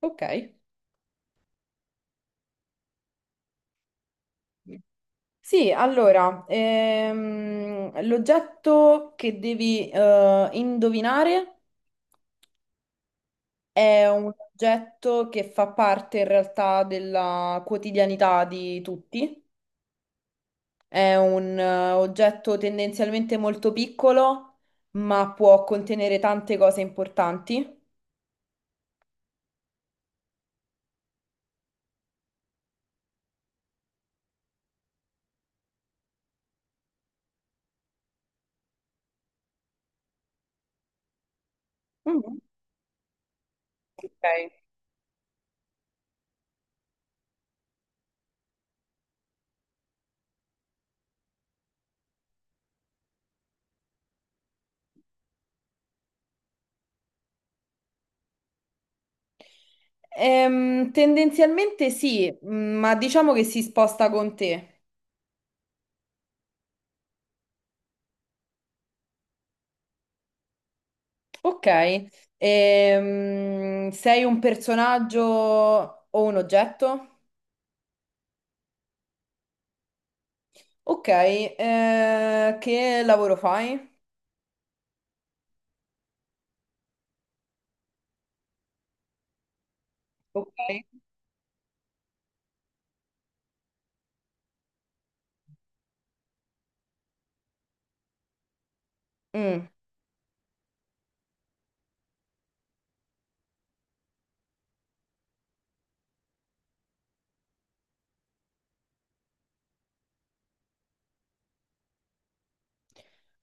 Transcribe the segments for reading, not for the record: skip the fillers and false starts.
Ok. Sì, allora, l'oggetto che devi indovinare è un oggetto che fa parte in realtà della quotidianità di tutti. È un oggetto tendenzialmente molto piccolo, ma può contenere tante cose importanti. Mm. Ok. Tendenzialmente sì, mm, ma diciamo che si sposta con te. Ok, sei un personaggio o un oggetto? Ok, che lavoro fai? Ok. Mm.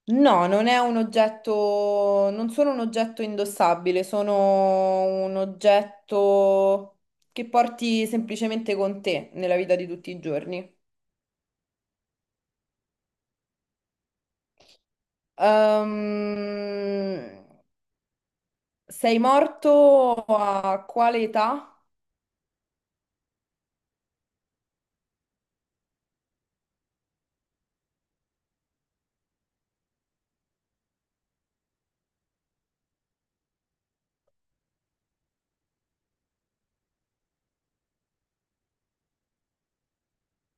No, non è un oggetto, non sono un oggetto indossabile, sono un oggetto che porti semplicemente con te nella vita di tutti i giorni. Ehm, sei morto a quale età?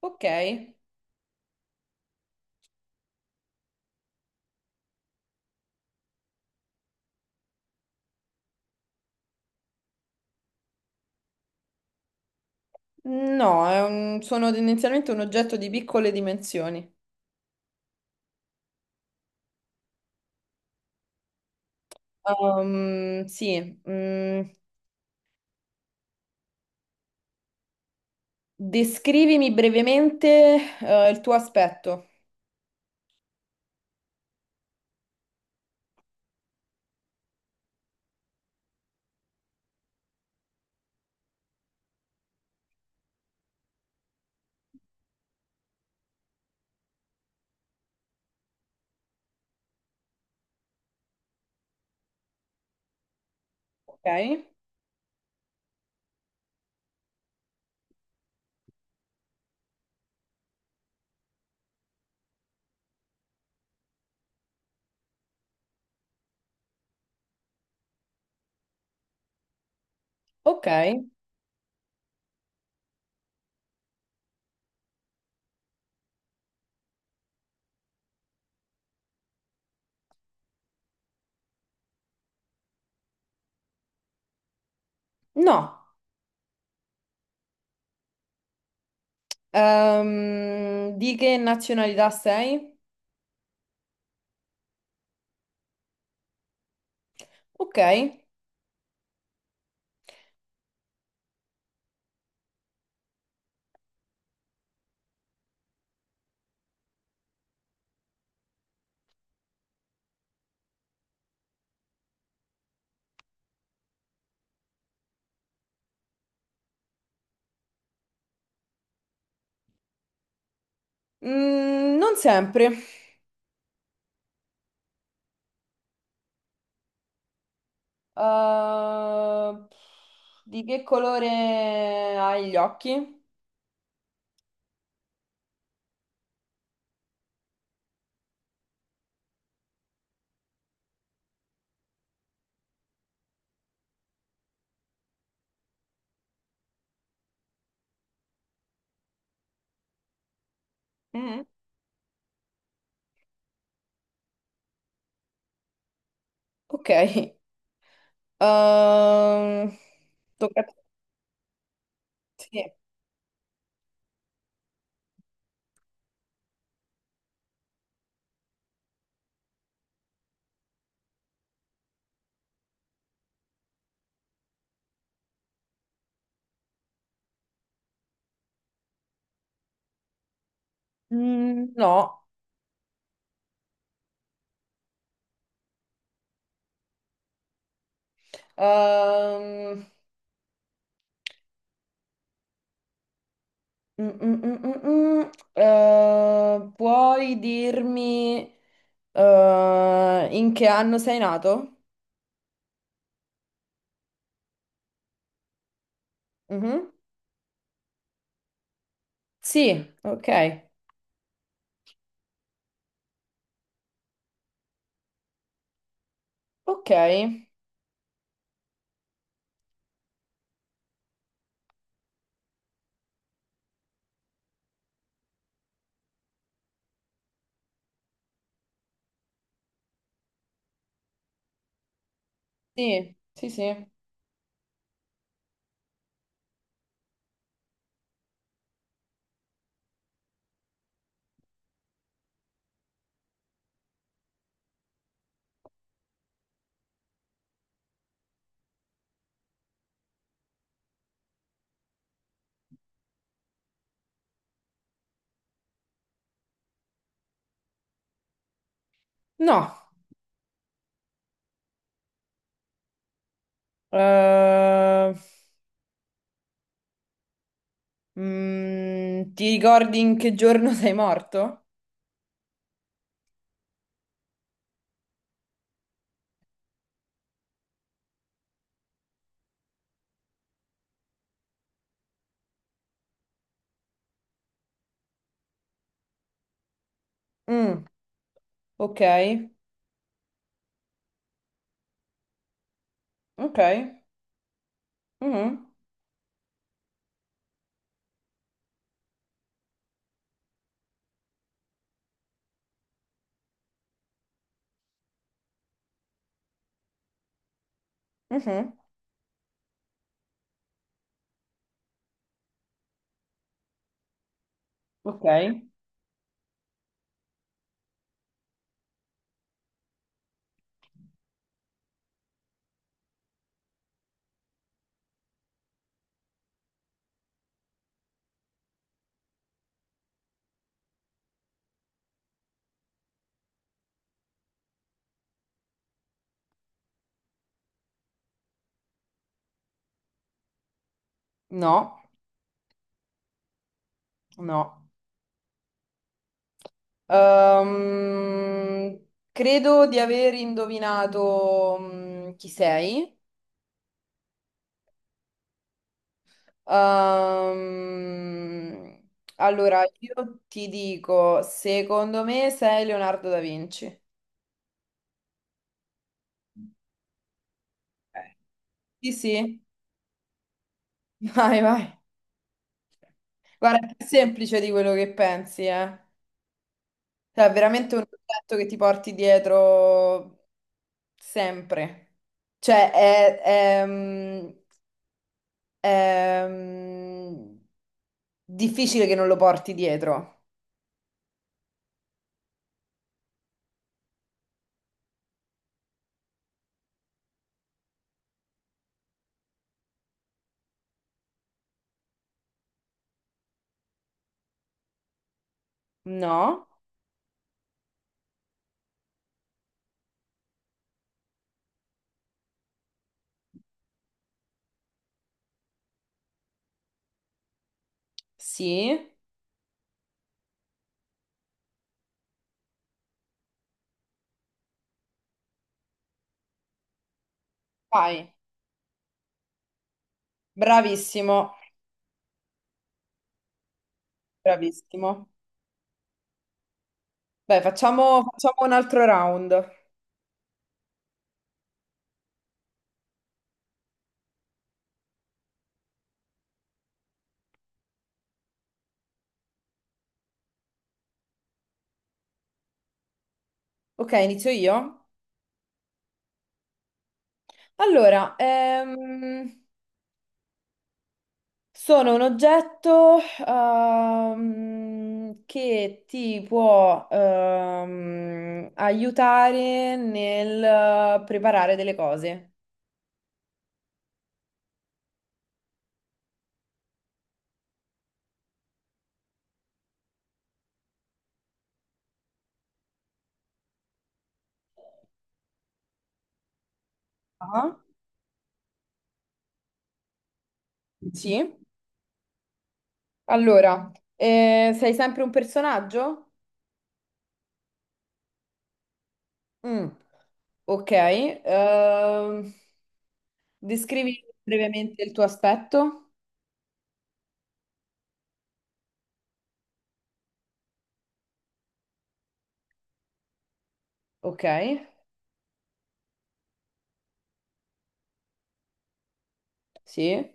Ok. No, è un- sono tendenzialmente un oggetto di piccole dimensioni. Sì, mm, descrivimi brevemente, il tuo aspetto. Ok, ok. No. Di che nazionalità sei? Ok. Mm, non sempre. Eh, di che colore hai gli occhi? Mm. Ok, ehm, tocca a te. Sì. Mm, no. Ehm, mm, mm, mm, mm, mm. Puoi dirmi in che anno sei nato? Mhm. Sì, ok. Ok, sì, sì, sì. No. Eh, mm, ti ricordi in che giorno sei morto? Mm, ok, ok. Mhm, mhm. Ok. No, no. Ehm, credo di aver indovinato mm, chi sei. Ehm, allora, io ti dico, secondo me sei Leonardo da Vinci. Eh. Sì, sì, vai, vai. Guarda, è più semplice di quello che pensi, eh. Cioè, è veramente un oggetto che ti porti dietro sempre. Cioè, è, è, mm, è, mm, Difficile che non lo porti dietro. No? Sì? Vai. Bravissimo, bravissimo. Beh, facciamo un altro round. Ok, inizio io. Allora, sono un oggetto che ti può aiutare nel preparare delle cose. Ah. Sì. Allora, sei sempre un personaggio? Mm. Ok, descrivi brevemente il tuo aspetto. Ok, sì,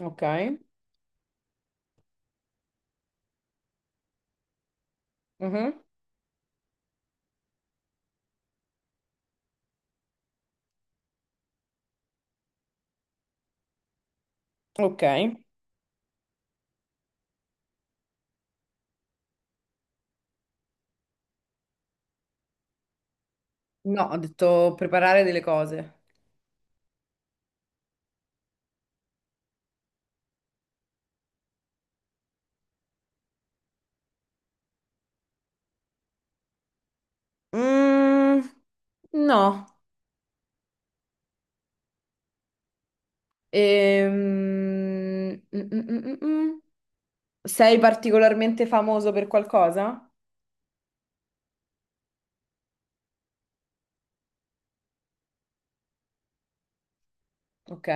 ok, mhm. Ok. No, ho detto preparare delle cose. Mm, no. Ehm, mm. Sei particolarmente famoso per qualcosa? Ok,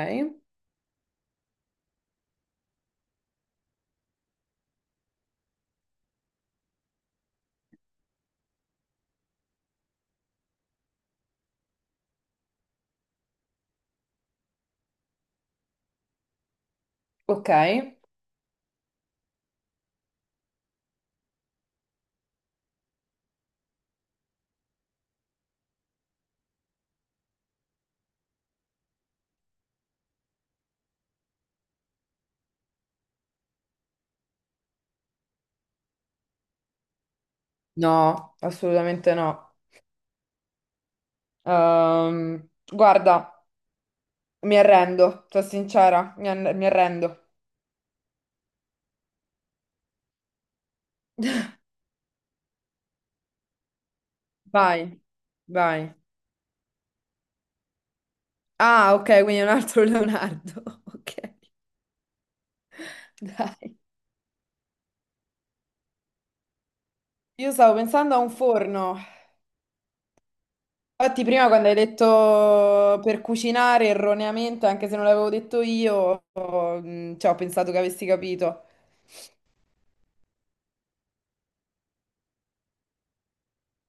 ok. No, assolutamente no. Guarda, mi arrendo, sono sincera, mi arrendo. Vai, vai. Ah, ok, quindi è un altro Leonardo. Ok, dai. Io stavo pensando a un forno. Infatti, prima quando hai detto per cucinare erroneamente, anche se non l'avevo detto io, cioè, ho pensato che avessi capito.